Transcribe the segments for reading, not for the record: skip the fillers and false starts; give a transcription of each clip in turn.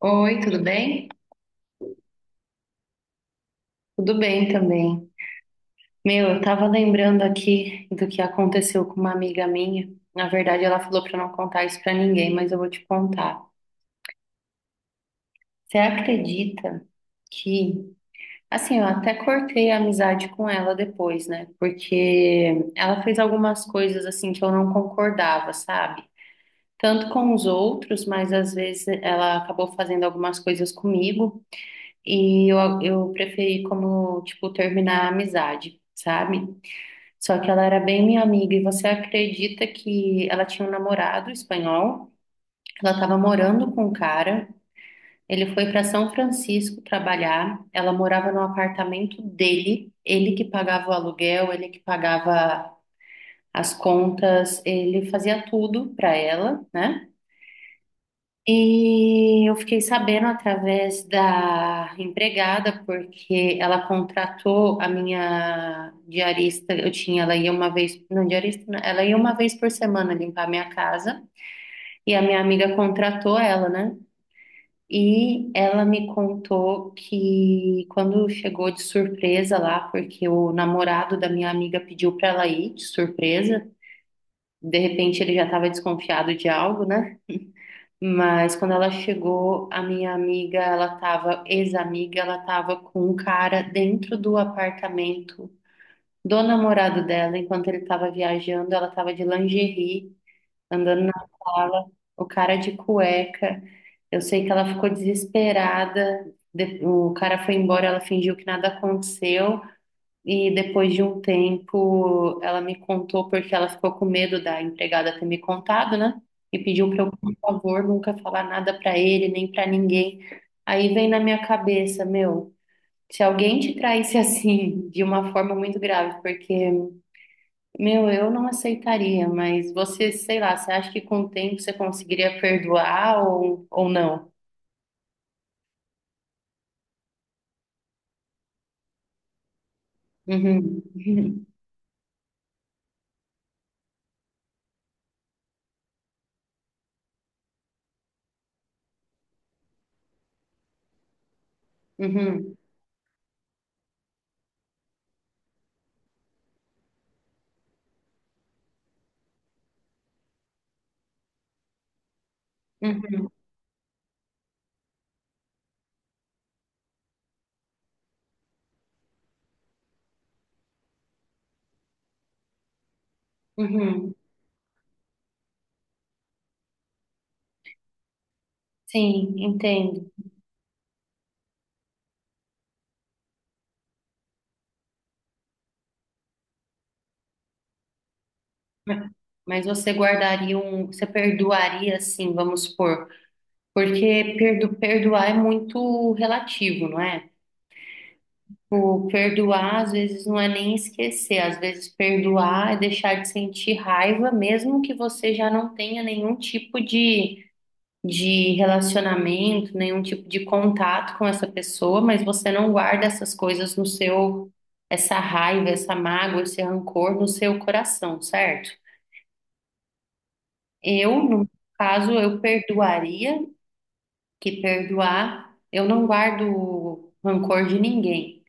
Oi, tudo bem? Tudo bem também. Meu, eu tava lembrando aqui do que aconteceu com uma amiga minha. Na verdade, ela falou pra não contar isso pra ninguém, mas eu vou te contar. Você acredita que, assim, eu até cortei a amizade com ela depois, né? Porque ela fez algumas coisas assim que eu não concordava, sabe? Tanto com os outros, mas às vezes ela acabou fazendo algumas coisas comigo e eu preferi como, tipo, terminar a amizade, sabe? Só que ela era bem minha amiga, e você acredita que ela tinha um namorado espanhol? Ela estava morando com um cara. Ele foi para São Francisco trabalhar. Ela morava no apartamento dele. Ele que pagava o aluguel, ele que pagava as contas, ele fazia tudo para ela, né? E eu fiquei sabendo através da empregada, porque ela contratou a minha diarista. Eu tinha, ela ia uma vez, não diarista, não, ela ia uma vez por semana limpar a minha casa. E a minha amiga contratou ela, né? E ela me contou que quando chegou de surpresa lá, porque o namorado da minha amiga pediu para ela ir de surpresa, de repente ele já estava desconfiado de algo, né? Mas quando ela chegou, a minha amiga, ela tava, ex-amiga, ela tava com um cara dentro do apartamento do namorado dela, enquanto ele tava viajando, ela tava de lingerie, andando na sala, o cara de cueca. Eu sei que ela ficou desesperada, o cara foi embora, ela fingiu que nada aconteceu. E depois de um tempo, ela me contou porque ela ficou com medo da empregada ter me contado, né? E pediu para eu, por favor, nunca falar nada para ele, nem para ninguém. Aí vem na minha cabeça, meu, se alguém te traísse assim, de uma forma muito grave, porque, meu, eu não aceitaria, mas você, sei lá, você acha que com o tempo você conseguiria perdoar ou não? Uhum, uhum, uhum, uhum, uhum. Sim, entendo. Mas você guardaria um, você perdoaria assim, vamos supor, porque perdoar é muito relativo, não é? O perdoar às vezes não é nem esquecer, às vezes perdoar é deixar de sentir raiva, mesmo que você já não tenha nenhum tipo de relacionamento, nenhum tipo de contato com essa pessoa, mas você não guarda essas coisas no seu, essa raiva, essa mágoa, esse rancor no seu coração, certo? Eu, no meu caso, eu perdoaria, que perdoar, eu não guardo rancor de ninguém.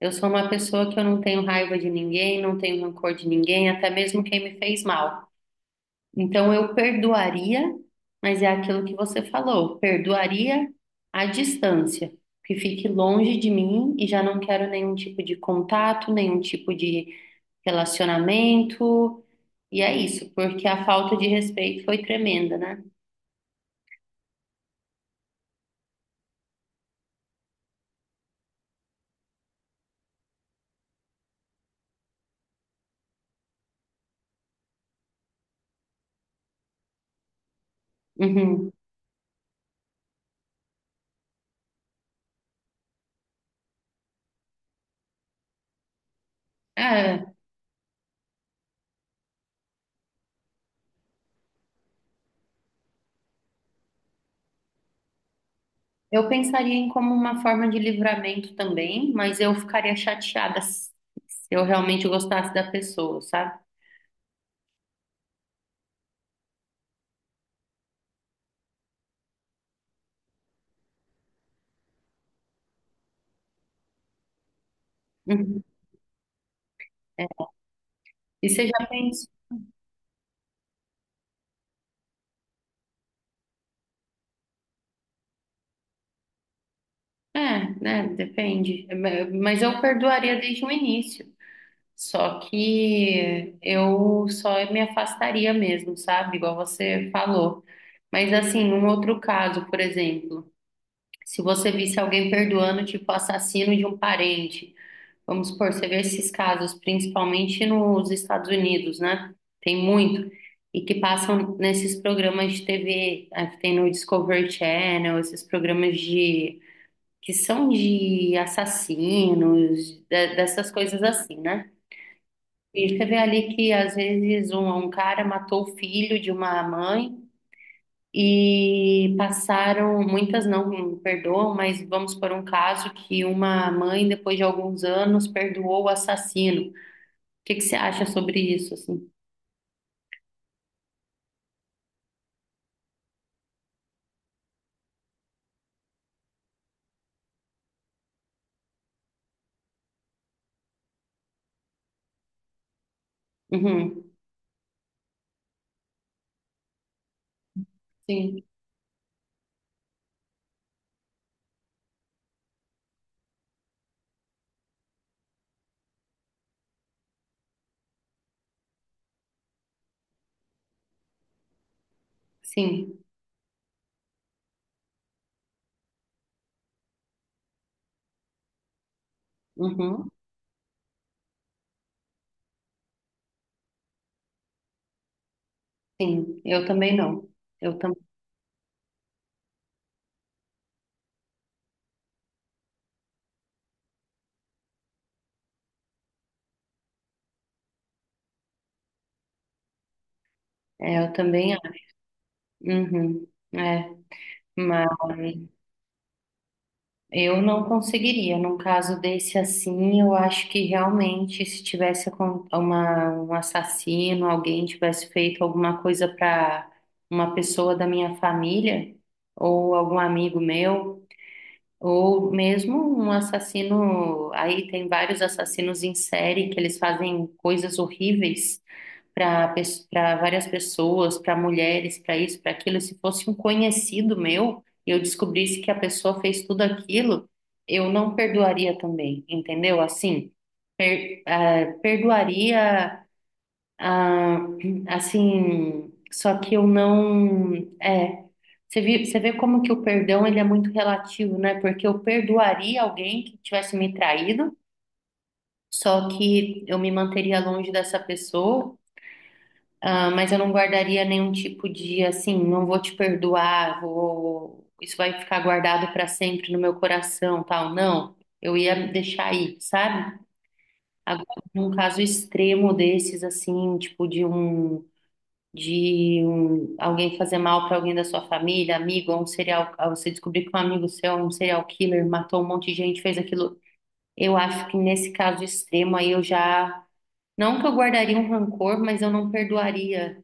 Eu sou uma pessoa que eu não tenho raiva de ninguém, não tenho rancor de ninguém, até mesmo quem me fez mal. Então eu perdoaria, mas é aquilo que você falou, perdoaria à distância, que fique longe de mim e já não quero nenhum tipo de contato, nenhum tipo de relacionamento. E é isso, porque a falta de respeito foi tremenda, né? Uhum. É, eu pensaria em como uma forma de livramento também, mas eu ficaria chateada se eu realmente gostasse da pessoa, sabe? Uhum. É, e você já pensa? É, né? Depende. Mas eu perdoaria desde o início. Só que eu só me afastaria mesmo, sabe? Igual você falou. Mas assim, um outro caso, por exemplo, se você visse alguém perdoando, tipo, assassino de um parente. Vamos supor, você vê esses casos, principalmente nos Estados Unidos, né? Tem muito. E que passam nesses programas de TV, que tem no Discovery Channel, esses programas de que são de assassinos, dessas coisas assim, né? E você vê ali que às vezes um cara matou o filho de uma mãe e passaram, muitas não perdoam, mas vamos por um caso que uma mãe, depois de alguns anos, perdoou o assassino, que você acha sobre isso, assim? Uhum. Sim, sim. Uhum. Sim, eu também não. Eu. É, eu também acho. Uhum. É, mas eu não conseguiria. Num caso desse assim, eu acho que realmente se tivesse uma, um assassino, alguém tivesse feito alguma coisa para uma pessoa da minha família ou algum amigo meu. Ou mesmo um assassino, aí tem vários assassinos em série que eles fazem coisas horríveis para para várias pessoas, para mulheres, para isso, para aquilo. Se fosse um conhecido meu e eu descobrisse que a pessoa fez tudo aquilo, eu não perdoaria também, entendeu? Assim, ah, perdoaria, ah, assim, só que eu não. É, você vê como que o perdão ele é muito relativo, né? Porque eu perdoaria alguém que tivesse me traído, só que eu me manteria longe dessa pessoa, ah, mas eu não guardaria nenhum tipo de, assim, não vou te perdoar, vou, isso vai ficar guardado para sempre no meu coração, tal. Não, eu ia deixar aí, sabe? Agora, num caso extremo desses, assim, tipo de um. Alguém fazer mal para alguém da sua família, amigo, ou um serial, ou você descobrir que um amigo seu é um serial killer, matou um monte de gente, fez aquilo. Eu acho que nesse caso extremo aí eu já, não que eu guardaria um rancor, mas eu não perdoaria.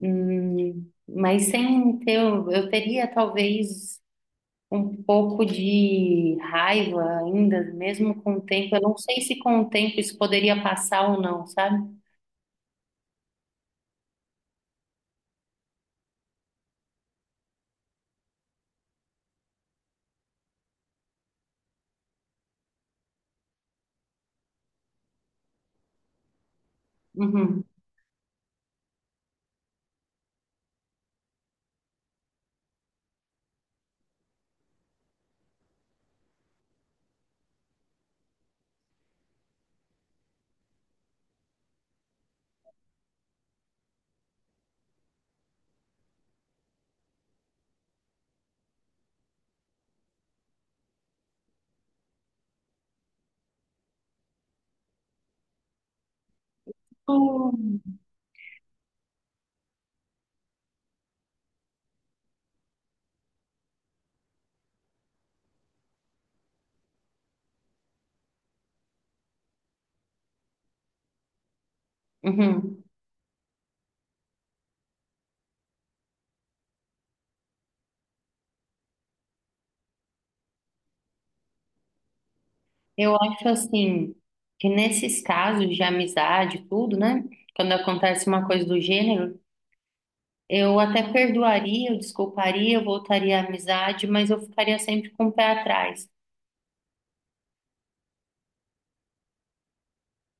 Mas sem ter, eu teria talvez um pouco de raiva ainda, mesmo com o tempo. Eu não sei se com o tempo isso poderia passar ou não, sabe? Uhum. Uhum. Eu acho assim que nesses casos de amizade, e tudo, né? Quando acontece uma coisa do gênero, eu até perdoaria, eu desculparia, eu voltaria à amizade, mas eu ficaria sempre com o pé atrás.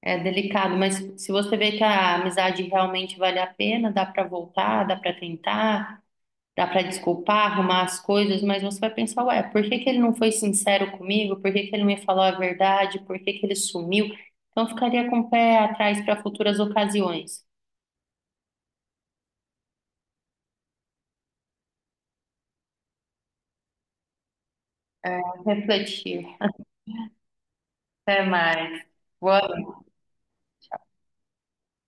É delicado, mas se você vê que a amizade realmente vale a pena, dá para voltar, dá para tentar, dá para desculpar, arrumar as coisas, mas você vai pensar, ué, por que que ele não foi sincero comigo? Por que que ele não me falou a verdade? Por que que ele sumiu? Então eu ficaria com o pé atrás para futuras ocasiões. Refletir. Até mais. Boa